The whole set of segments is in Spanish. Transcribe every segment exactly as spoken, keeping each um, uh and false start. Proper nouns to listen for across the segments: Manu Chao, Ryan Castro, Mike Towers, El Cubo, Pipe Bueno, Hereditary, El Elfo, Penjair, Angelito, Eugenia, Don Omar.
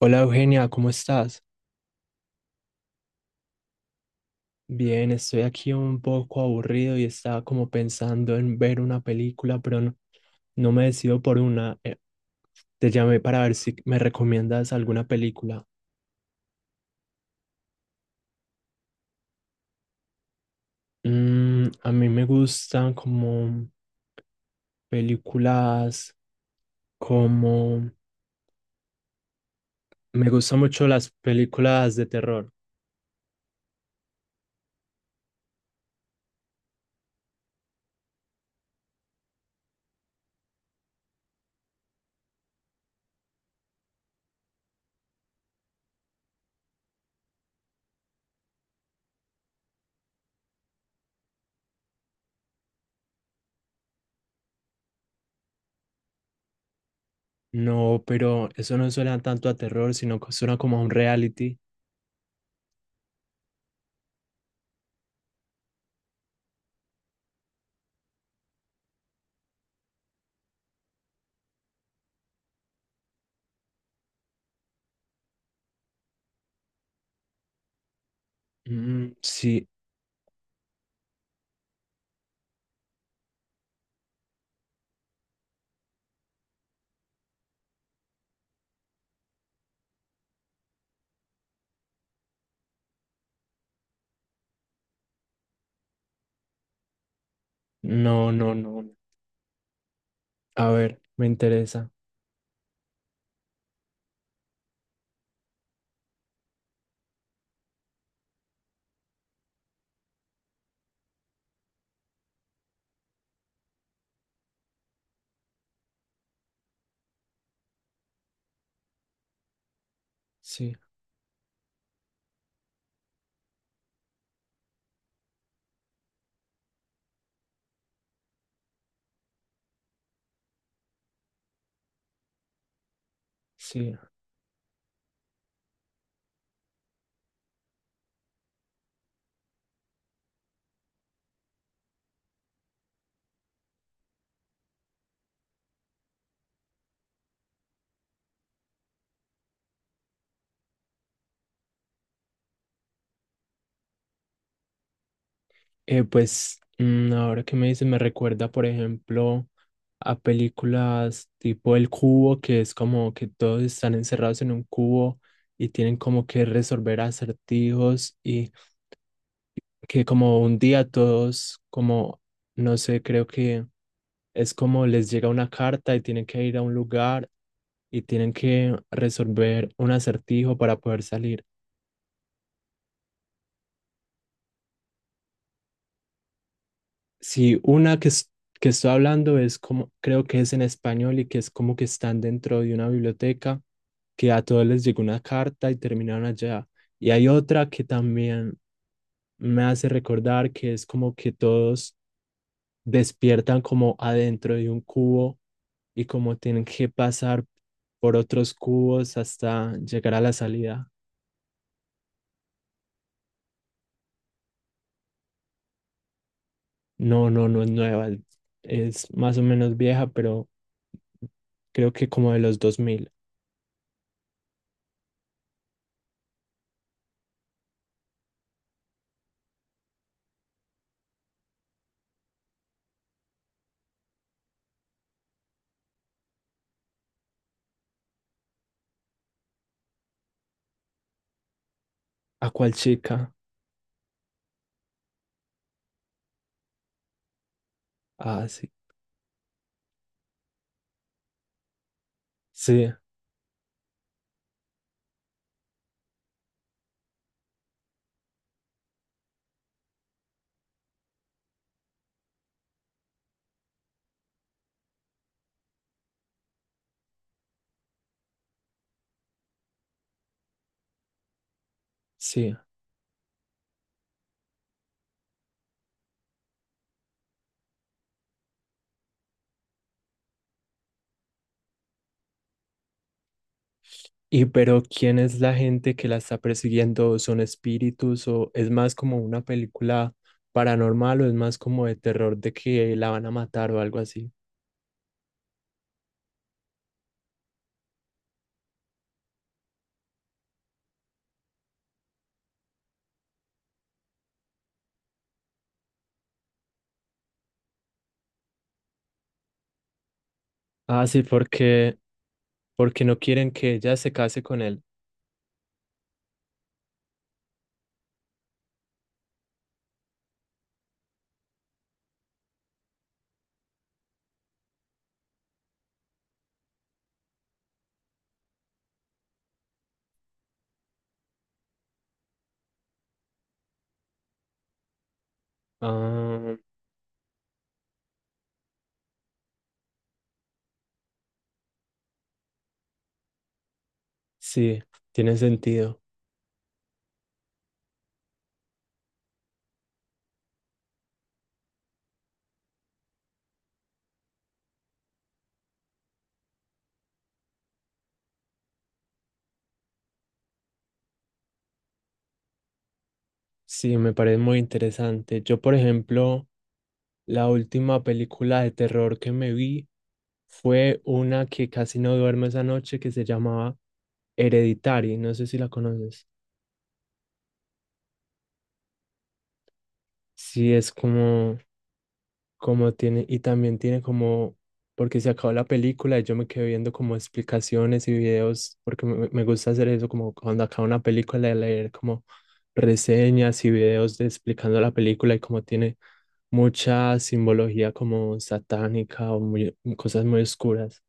Hola Eugenia, ¿cómo estás? Bien, estoy aquí un poco aburrido y estaba como pensando en ver una película, pero no, no me decido por una. Eh, Te llamé para ver si me recomiendas alguna película. Mm, a mí me gustan como películas, como... Me gustan mucho las películas de terror. No, pero eso no suena tanto a terror, sino que suena como a un reality. Mm, sí, no, no, no. A ver, me interesa. Sí, sí. Eh, pues mm, ahora que me dices, me recuerda, por ejemplo, a películas tipo El Cubo, que es como que todos están encerrados en un cubo y tienen como que resolver acertijos y que como un día todos, como, no sé, creo que es como les llega una carta y tienen que ir a un lugar y tienen que resolver un acertijo para poder salir. Sí, una que, es- que estoy hablando es como, creo que es en español y que es como que están dentro de una biblioteca, que a todos les llegó una carta y terminaron allá. Y hay otra que también me hace recordar que es como que todos despiertan como adentro de un cubo y como tienen que pasar por otros cubos hasta llegar a la salida. No, no, no es nueva, es más o menos vieja, pero creo que como de los dos mil. ¿A cuál chica? Ah, sí. Sí, sí. Y pero ¿quién es la gente que la está persiguiendo? ¿Son espíritus o es más como una película paranormal o es más como de terror de que la van a matar o algo así? Ah, sí, porque porque no quieren que ella se case con él. Ah, sí, tiene sentido. Sí, me parece muy interesante. Yo, por ejemplo, la última película de terror que me vi fue una que casi no duermo esa noche que se llamaba Hereditary, no sé si la conoces. Sí, es como, como tiene, y también tiene como, porque se acabó la película y yo me quedé viendo como explicaciones y videos, porque me, me gusta hacer eso, como cuando acaba una película, de leer como reseñas y videos de explicando la película y como tiene mucha simbología como satánica o muy- cosas muy oscuras.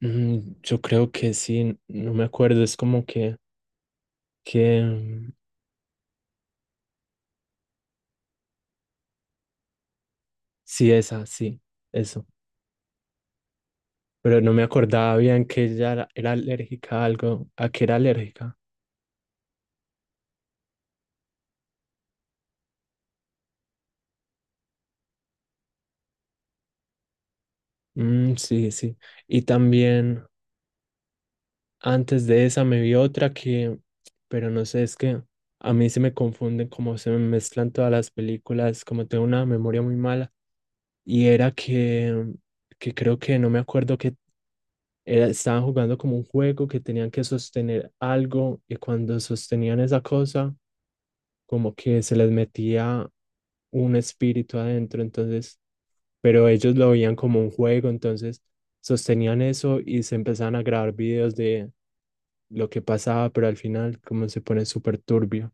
Mm, yo creo que sí, no me acuerdo, es como que, que mm, sí, esa, sí, eso. Pero no me acordaba bien que ella era, era alérgica a algo, a que era alérgica. Mm, sí, sí. Y también antes de esa me vi otra que, pero no sé, es que a mí se me confunden como se me mezclan todas las películas, como tengo una memoria muy mala. Y era que, que creo que no me acuerdo qué era- estaban jugando como un juego que tenían que sostener algo y cuando sostenían esa cosa, como que se les metía un espíritu adentro, entonces, pero ellos lo veían como un juego, entonces sostenían eso y se empezaban a grabar videos de lo que pasaba, pero al final como se pone súper turbio.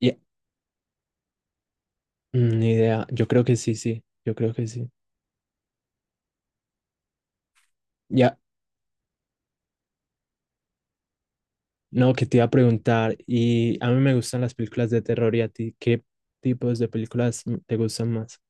Y mm, Ni idea, yo creo que sí, sí, yo creo que sí. Ya, no, que te iba a preguntar, y a mí me gustan las películas de terror y a ti, ¿qué tipos de películas mm, te gustan más?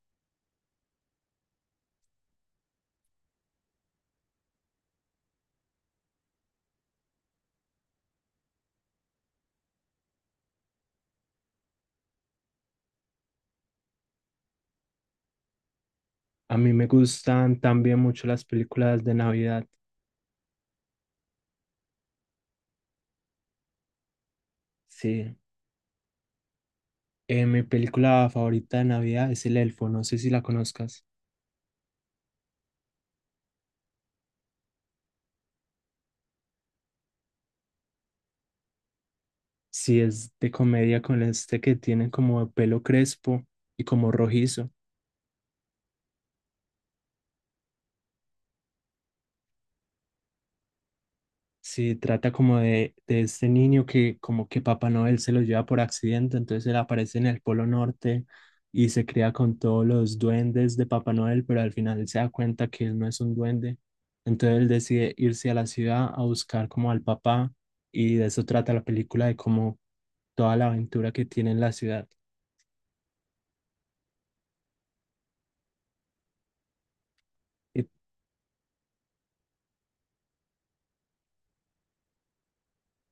A mí me gustan también mucho las películas de Navidad. Sí. Eh, mi película favorita de Navidad es El Elfo, no sé si la conozcas. Sí, es de comedia con este que tiene como pelo crespo y como rojizo. Sí, trata como de, de este niño que como que Papá Noel se lo lleva por accidente, entonces él aparece en el Polo Norte y se crea con todos los duendes de Papá Noel, pero al final él se da cuenta que él no es un duende, entonces él decide irse a la ciudad a buscar como al papá y de eso trata la película, de como toda la aventura que tiene en la ciudad. Y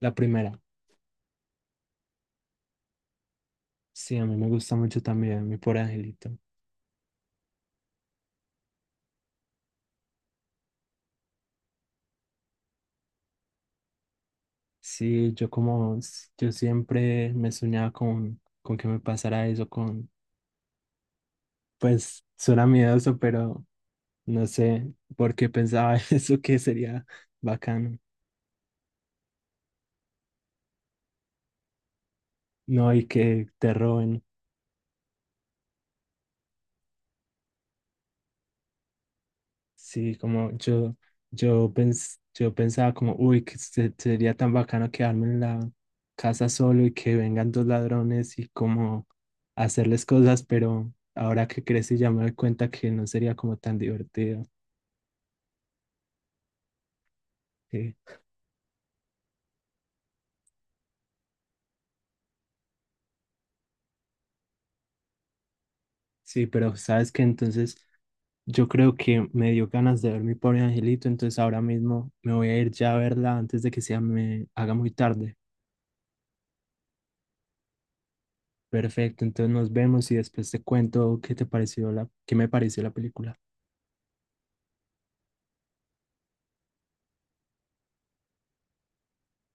la primera, sí, a mí me gusta mucho también, mi por Angelito. Sí, yo como, s- yo siempre me soñaba con, con que me pasara eso, con, pues suena miedoso, pero no sé por qué pensaba eso que sería bacano, no, y que te roben, sí, como yo, yo, pens, yo pensaba como, uy, que se- sería tan bacano quedarme en la casa solo y que vengan dos ladrones y como hacerles cosas, pero ahora que crecí ya me doy cuenta que no sería como tan divertido. Sí, pero sabes que entonces yo creo que me dio ganas de ver mi pobre angelito, entonces ahora mismo me voy a ir ya a verla antes de que sea me haga muy tarde. Perfecto, entonces nos vemos y después te cuento qué te pareció la, qué me pareció la película.